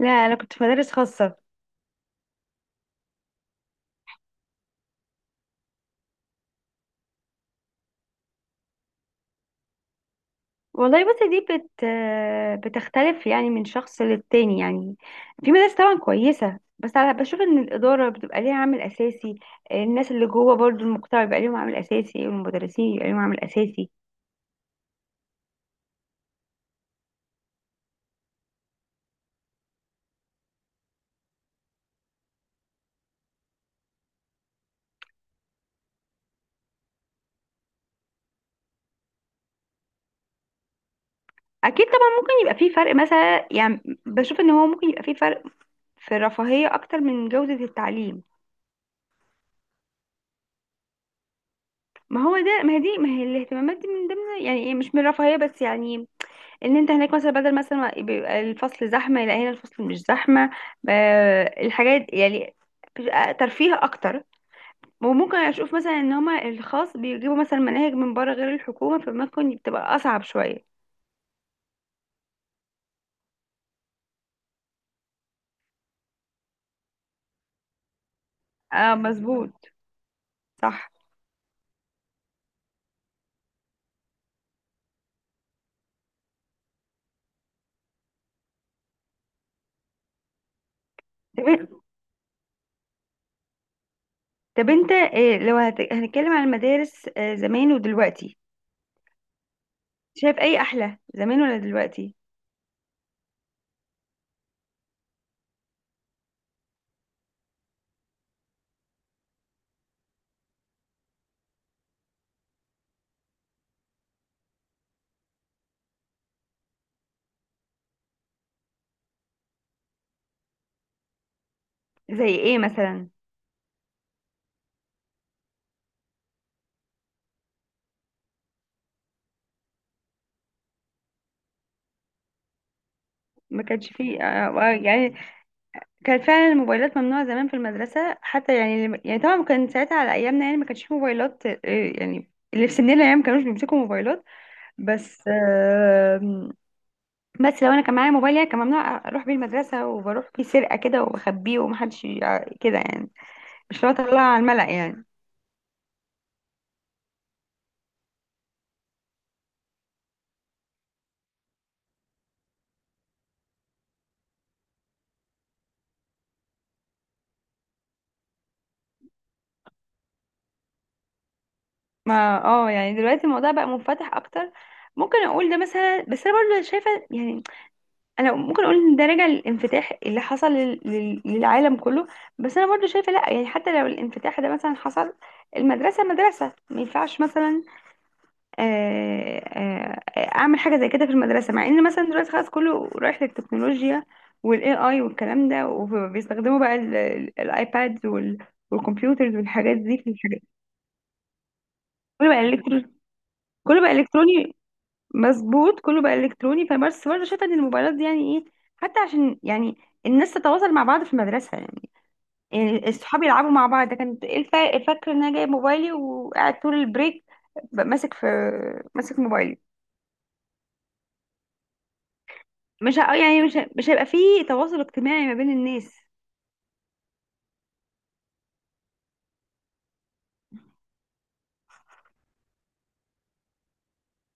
لا، انا كنت في مدارس خاصه. والله بس دي بتختلف يعني من شخص للتاني يعني. في مدارس طبعا كويسه، بس انا بشوف ان الاداره بتبقى ليها عامل اساسي. الناس اللي جوه برضو المقطع بيبقى ليهم عامل اساسي، والمدرسين يبقى ليهم عامل اساسي. اكيد طبعا ممكن يبقى في فرق مثلا، يعني بشوف ان هو ممكن يبقى في فرق في الرفاهيه اكتر من جوده التعليم. ما هي الاهتمامات دي من ضمن يعني إيه، مش من الرفاهيه بس يعني. ان انت هناك مثلا بدل مثلا ما بيبقى الفصل زحمه، لا هنا الفصل مش زحمه. ب- الحاجات يعني بتبقى ترفيه اكتر. وممكن اشوف مثلا ان هما الخاص بيجيبوا مثلا مناهج من بره غير الحكومه، فممكن بتبقى اصعب شويه. اه، مظبوط. صح. طب, طب، انت إيه لو هنتكلم عن المدارس زمان ودلوقتي؟ شايف اي احلى، زمان ولا دلوقتي؟ زي ايه مثلا؟ ما كانش فيه يعني. كانت فعلا الموبايلات ممنوعة زمان في المدرسة حتى، يعني يعني طبعا كان ساعتها على أيامنا، يعني ما كانش فيه موبايلات. يعني اللي في سننا يعني ما كانوش بيمسكوا موبايلات. بس آم، بس لو أنا كان معايا موبايل يعني كان ممنوع أروح بيه المدرسة، وبروح بيه سرقة كده وبخبيه ومحدش كده يعني. مش لو أطلع على الملأ يعني. ما يعني دلوقتي الموضوع بقى منفتح أكتر. ممكن أقول ده مثلا، بس أنا برضه شايفة يعني. انا ممكن اقول ان ده راجع للانفتاح اللي حصل للعالم كله. بس انا برضو شايفه لا، يعني حتى لو الانفتاح ده مثلا حصل، المدرسه مدرسه ما ينفعش مثلا اعمل حاجه زي كده في المدرسه، مع ان مثلا دلوقتي خلاص كله رايح للتكنولوجيا والاي اي والكلام ده، وبيستخدموا بقى الايباد والكمبيوترز والحاجات دي في الحاجات. كله بقى الكتروني. كله بقى الكتروني. مظبوط، كله بقى الكتروني. فبس برضه شايفه ان الموبايلات دي يعني ايه، حتى عشان يعني الناس تتواصل مع بعض في المدرسه يعني. يعني الصحاب يلعبوا مع بعض، ده كانت ايه، فاكره ان انا جايب موبايلي وقاعد طول البريك ب- ماسك في ماسك موبايلي. مش ه- يعني مش ه- مش هيبقى فيه تواصل اجتماعي ما بين الناس.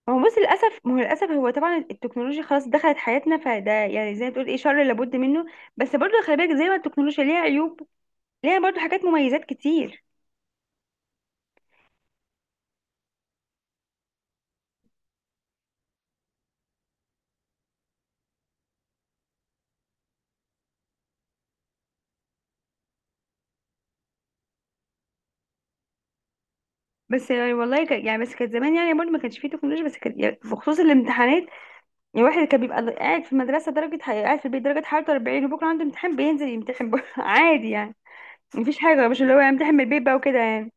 هو بص للاسف، ما هو للاسف هو طبعا التكنولوجيا خلاص دخلت حياتنا، فده يعني زي ما تقول ايه، شر لابد منه. بس برضه خلي بالك، زي ما التكنولوجيا ليها عيوب، ليها برضه حاجات مميزات كتير. بس يعني والله يعني بس كانت زمان يعني برضه ما كانش فيه تكنولوجيا، بس كانت يعني بخصوص الامتحانات. يعني الواحد كان بيبقى قاعد في المدرسة قاعد في البيت درجة حرارة 40، وبكرة عنده امتحان بينزل يمتحن بره عادي يعني. مفيش حاجة مش اللي هو يمتحن من البيت بقى وكده يعني.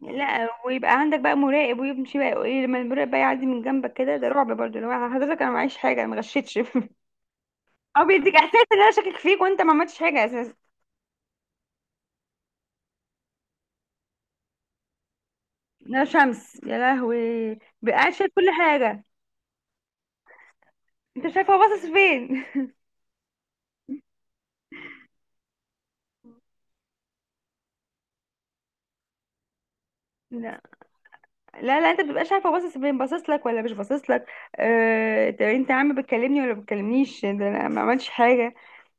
لا، ويبقى عندك بقى مراقب ويمشي بقى ايه، لما المراقب بقى يعدي من جنبك كده ده رعب برضه، لو حضرتك انا معيش حاجة انا ما غشيتش او بيديك احساس ان انا شاكك فيك وانت ما عملتش حاجة اساسا. لا، شمس يا لهوي! بقى قاعد شايف كل حاجة. انت شايف هو باصص فين. لا لا، انت بتبقاش عارفه باصص فين، باصص لك ولا مش باصص لك. طب انت يا عم بتكلمني ولا بتكلمنيش، ده انا ما عملتش حاجه.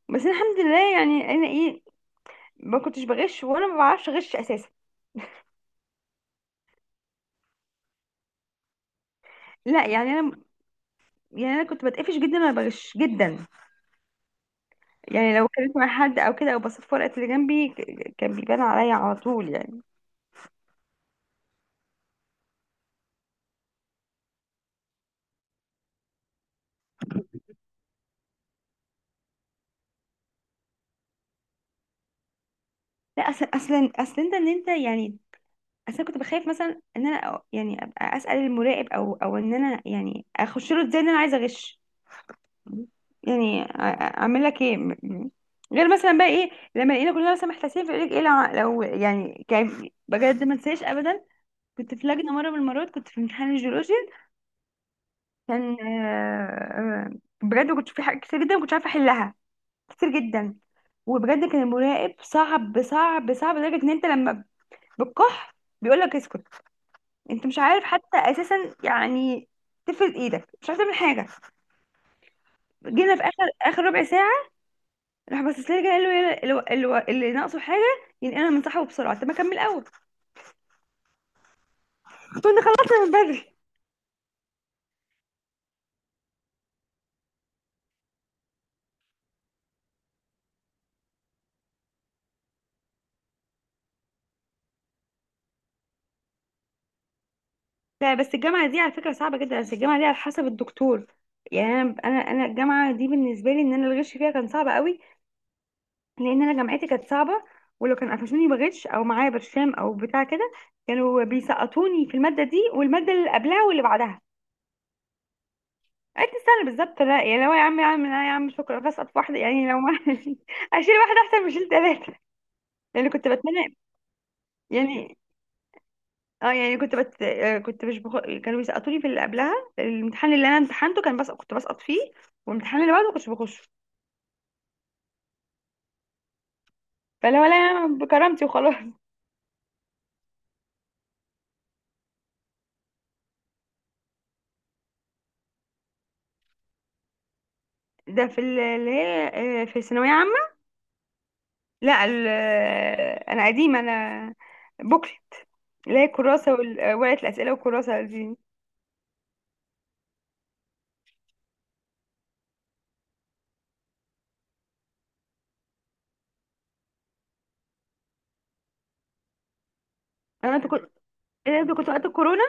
بس أنا الحمد لله يعني انا ايه، ما كنتش بغش ولا ما بعرفش اغش اساسا. لا يعني انا كنت بتقفش جدا وانا بغش جدا. يعني لو كلمت مع حد او كده او بصيت في ورقه اللي جنبي كان بيبان عليا على طول يعني. لا اصلا اصلا اصلا انت انت يعني، اصلا كنت بخاف مثلا ان انا يعني ابقى اسال المراقب او ان انا يعني اخش له ازاي ان انا عايزه اغش. يعني اعمل لك ايه غير مثلا بقى ايه، لما الاقينا كلنا مثلا محتاسين في ايه لو يعني كان بجد ما انساش ابدا. كنت في لجنه مره من المرات، كنت في امتحان الجيولوجيا. كان بجد كنت في حاجات كتير جدا ما كنتش عارفه احلها، كتير جدا. وبجد كان المراقب صعب صعب صعب لدرجه ان انت لما بتكح بيقول لك اسكت. انت مش عارف حتى اساسا يعني تفرد ايدك، مش عارف تعمل حاجه. جينا في اخر اخر ربع ساعه، راح باصص لي كده قال له اللي ناقصه حاجه ينقلها من صاحبه بسرعه، طب ما اكمل اول. كنا خلصنا من بدري. لا بس الجامعه دي على فكره صعبه جدا، بس الجامعه دي على حسب الدكتور. يعني انا الجامعه دي بالنسبه لي ان انا الغش فيها كان صعب قوي. لان انا جامعتي كانت صعبه. ولو كان قفشوني بغش او معايا برشام او بتاع كده كانوا بيسقطوني في الماده دي والماده اللي قبلها واللي بعدها. قعدت سنه بالظبط. لا يعني لو يا عم، يا عم لا يا عم شكرا بسقط في واحده، يعني لو ما اشيل واحده احسن ما اشيل ثلاثه، لان كنت بتمنى. يعني اه يعني كنت بت... آه، كنت مش كانوا بيسقطوني في اللي قبلها. الامتحان اللي انا امتحنته كان بس كنت بسقط فيه، والامتحان اللي بعده ما كنتش بخش. فلا ولا أنا بكرامتي وخلاص ده في اللي هي في ثانويه عامه. لا ال... آه، انا قديمه انا. بوكلت. اللي هي الكراسه وال... آه، ورقه الاسئله والكراسه دي. انا انت كنت إيه ده، انت كنت وقت الكورونا؟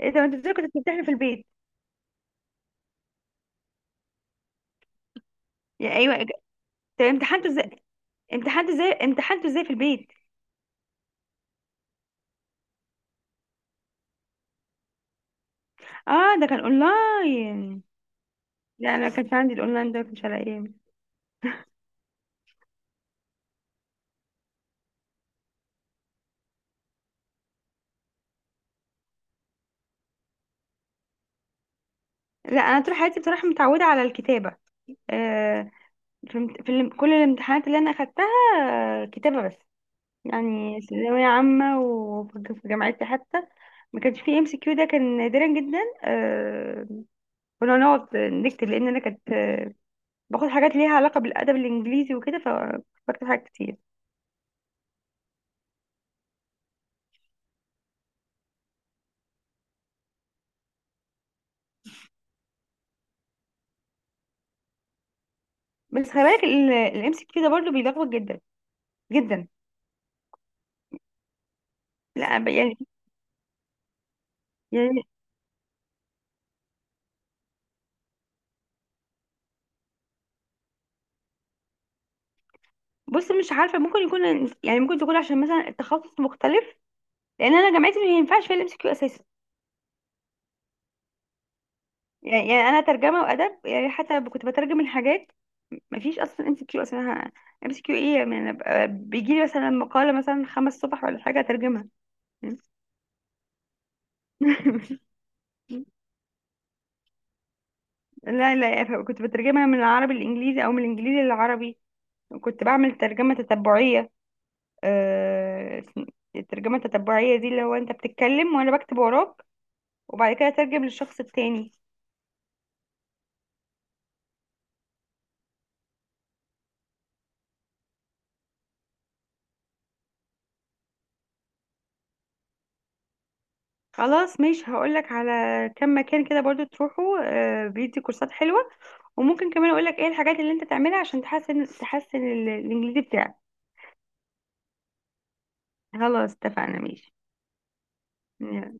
ايه ده انت ازاي كنت بتمتحن في البيت؟ يا ايوه. طب امتحنته ازاي، امتحنته ازاي، امتحنته ازاي في البيت؟ اه ده كان اونلاين؟ لا انا ما كانش عندي الاونلاين ده، ما كانش على ايام. لا، انا طول حياتي بصراحه متعوده على الكتابه. آه، في كل الامتحانات اللي انا اخدتها كتابه بس. يعني ثانويه عامه وفي جامعتي حتى ما كانش فيه MCQ، ده كان نادرا جدا. كنا نقعد نكتب، لان انا كنت باخد حاجات ليها علاقه بالادب الانجليزي وكده فبكتب حاجات كتير. بس خلي بالك الام سي كيو ده برضه بيلخبط جدا جدا. لا يعني بص، مش عارفه ممكن يكون، يعني ممكن تكون عشان مثلا التخصص مختلف، لان انا جامعتي ما ينفعش فيها الام سي كيو اساسا. يعني انا ترجمه وادب، يعني حتى كنت بترجم الحاجات. ما فيش اصلا MCQ اصلا. MCQ ايه يعني، أنا بيجي لي مثلا مقاله مثلا 5 صفح ولا حاجه اترجمها. لا لا، كنت بترجمها من العربي للانجليزي او من الانجليزي للعربي. كنت بعمل ترجمه تتبعيه. آه، الترجمه التتبعيه دي اللي هو انت بتتكلم وانا بكتب وراك، وبعد كده اترجم للشخص التاني. خلاص ماشي، هقولك على كم مكان كده برضو تروحوا. بيدي كورسات حلوة، وممكن كمان اقولك ايه الحاجات اللي انت تعملها عشان تحسن الانجليزي بتاعك. خلاص اتفقنا، ماشي. يلا.